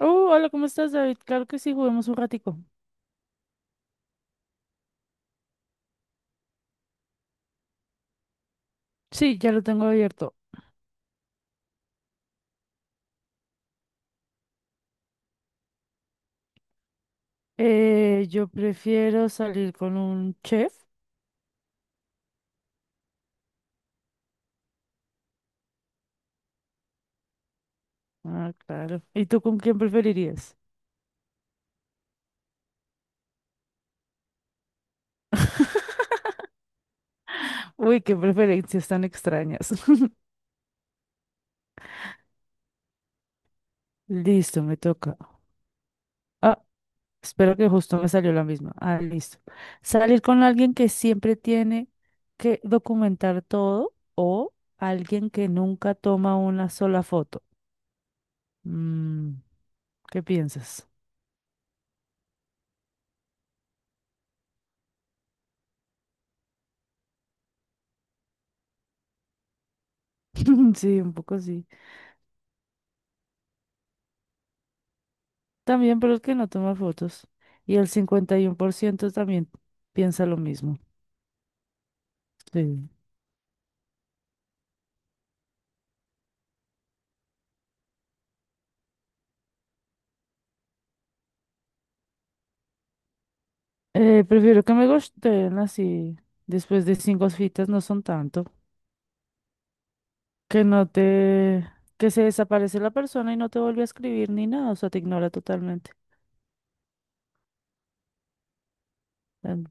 Oh, hola, ¿cómo estás, David? Claro que sí, juguemos un ratico. Sí, ya lo tengo abierto. Yo prefiero salir con un chef. Ah, claro. ¿Y tú con quién preferirías? Uy, qué preferencias tan extrañas. Listo, me toca. Ah, espero que justo me salió la misma. Ah, listo. Salir con alguien que siempre tiene que documentar todo o alguien que nunca toma una sola foto. Mm, ¿Qué piensas? Sí, un poco sí. También, pero el que no toma fotos. Y el 51% también piensa lo mismo. Sí. Prefiero que me gusteen así. Después de cinco citas no son tanto. Que no te... Que se desaparece la persona y no te vuelve a escribir ni nada. O sea, te ignora totalmente. Em,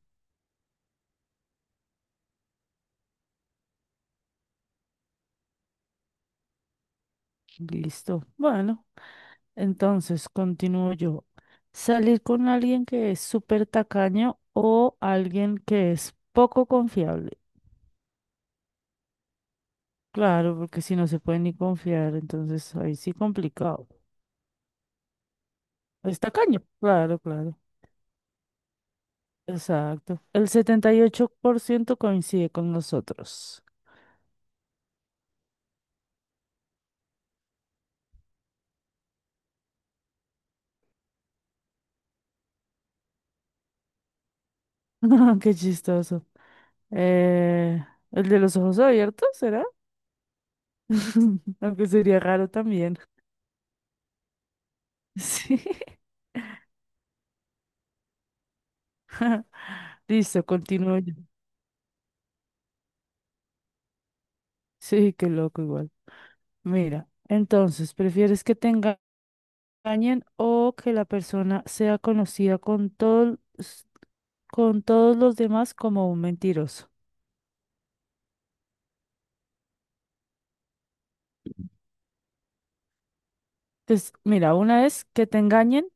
Listo. Bueno, entonces continúo yo. Salir con alguien que es súper tacaño o alguien que es poco confiable. Claro, porque si no se puede ni confiar, entonces ahí sí complicado. Es tacaño. Claro, claro. Exacto. El 78% coincide con nosotros. Qué chistoso. Eh, ¿El de los ojos abiertos será? Aunque sería raro también. Sí. Listo, continúo yo. Sí, qué loco igual. Mira, entonces, ¿prefieres que tenga engañen o que la persona sea conocida con todos los demás como un mentiroso. Entonces, mira, una es que te engañen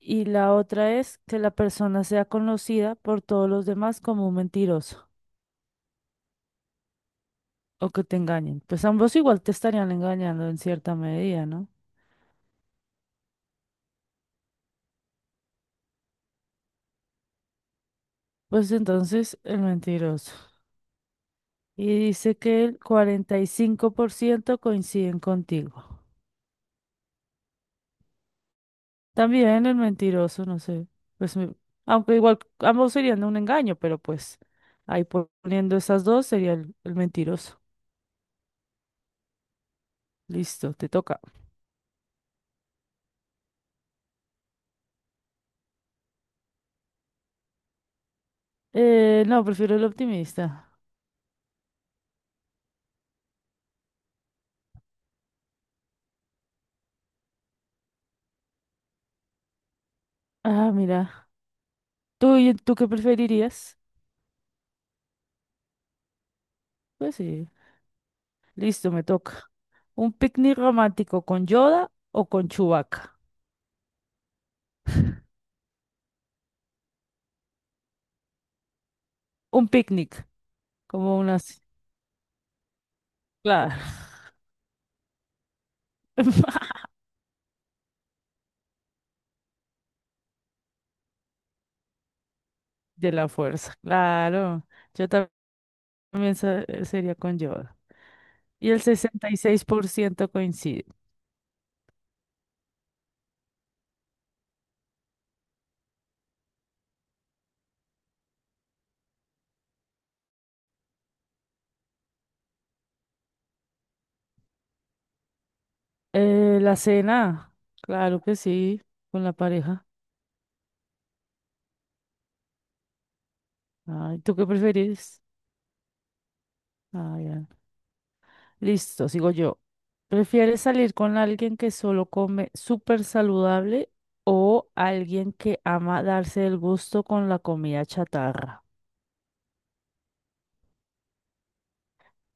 y la otra es que la persona sea conocida por todos los demás como un mentiroso o que te engañen. Pues ambos igual te estarían engañando en cierta medida, ¿no? Pues entonces, el mentiroso. Y dice que el 45% coinciden contigo. También el mentiroso, no sé. Pues, aunque igual ambos serían de un engaño, pero pues ahí poniendo esas dos sería el mentiroso. Listo, te toca. No, prefiero el optimista. Ah, mira. ¿Tú qué preferirías? Pues sí. Listo, me toca. ¿Un picnic romántico con Yoda o con Chewbacca? Un picnic, como unas... Claro. De la fuerza, claro. Yo también sería con Yoda. Y el 66% coincide. La cena, claro que sí, con la pareja. Ay, ¿tú qué preferís? Listo, sigo yo. ¿Prefieres salir con alguien que solo come súper saludable o alguien que ama darse el gusto con la comida chatarra?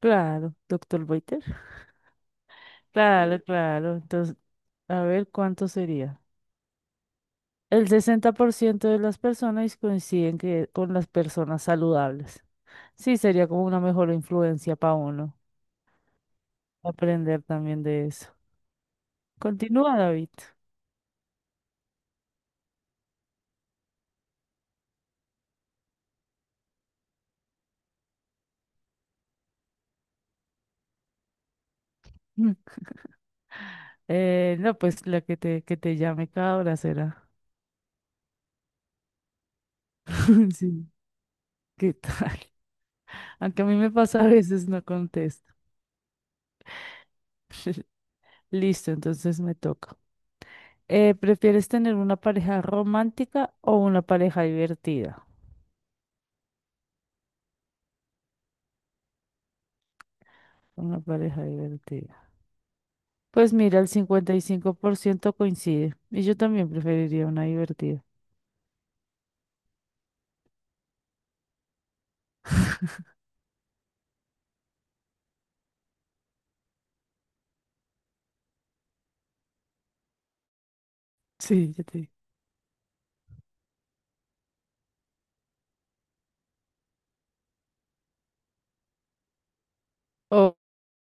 Claro, doctor Boiter. Claro, claro. Entonces, a ver cuánto sería. El 60% de las personas coinciden que con las personas saludables. Sí, sería como una mejor influencia para uno aprender también de eso. Continúa, David. No, pues la que te llame cada hora será. Sí, ¿qué tal? Aunque a mí me pasa a veces no contesto. Listo, entonces me toca. ¿Prefieres tener una pareja romántica o una pareja divertida? Una pareja divertida. Pues mira, el 55% coincide. Y yo también preferiría una divertida. Sí, ya te... Oh,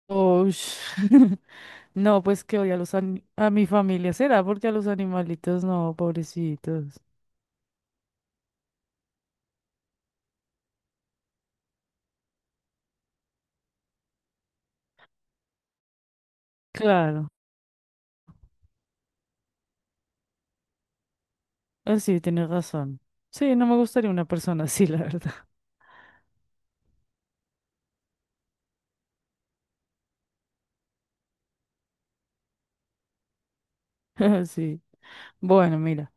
oh, No, pues que odia a los a mi familia. ¿Será porque a los animalitos no, pobrecitos? Claro. Ah, sí, tienes razón. Sí, no me gustaría una persona así, la verdad. Sí. Bueno, mira.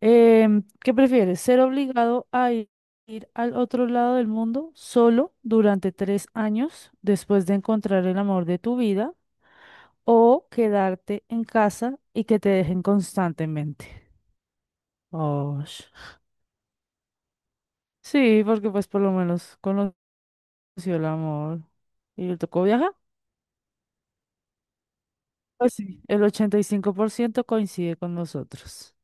¿Qué prefieres? ¿Ser obligado a ir al otro lado del mundo solo durante 3 años después de encontrar el amor de tu vida o quedarte en casa y que te dejen constantemente? Oh, sí, porque pues por lo menos conoció el amor y le tocó viajar. Pues sí, el 85% coincide con nosotros.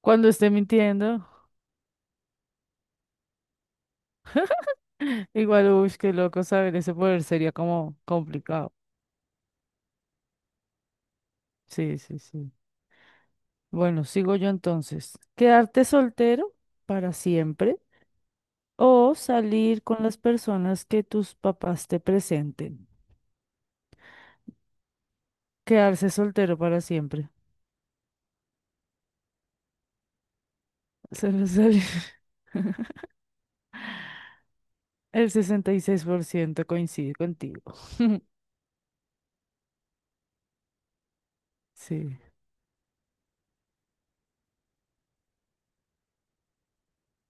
Cuando esté mintiendo, igual, uy, qué loco saber ese poder, sería como complicado. Sí, sí, sí. Bueno, sigo yo entonces. ¿Quedarte soltero para siempre o salir con las personas que tus papás te presenten? Quedarse soltero para siempre. Se me sale- El 66% coincide contigo. Sí,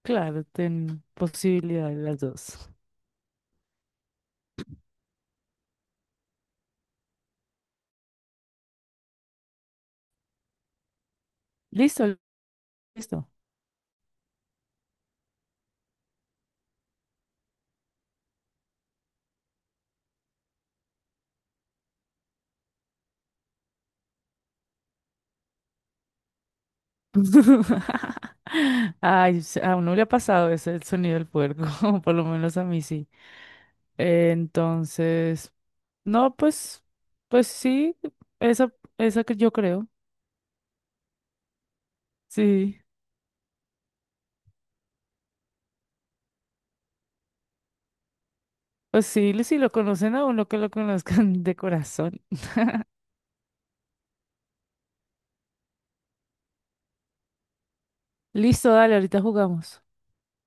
claro, ten posibilidad de las dos. Listo, listo. Ay, a uno le ha pasado ese el sonido del puerco, por lo menos a mí sí. Entonces... No, pues sí, esa, esa que yo creo. Sí, pues sí, si lo conocen a uno que lo conozcan de corazón. Listo, dale, ahorita jugamos.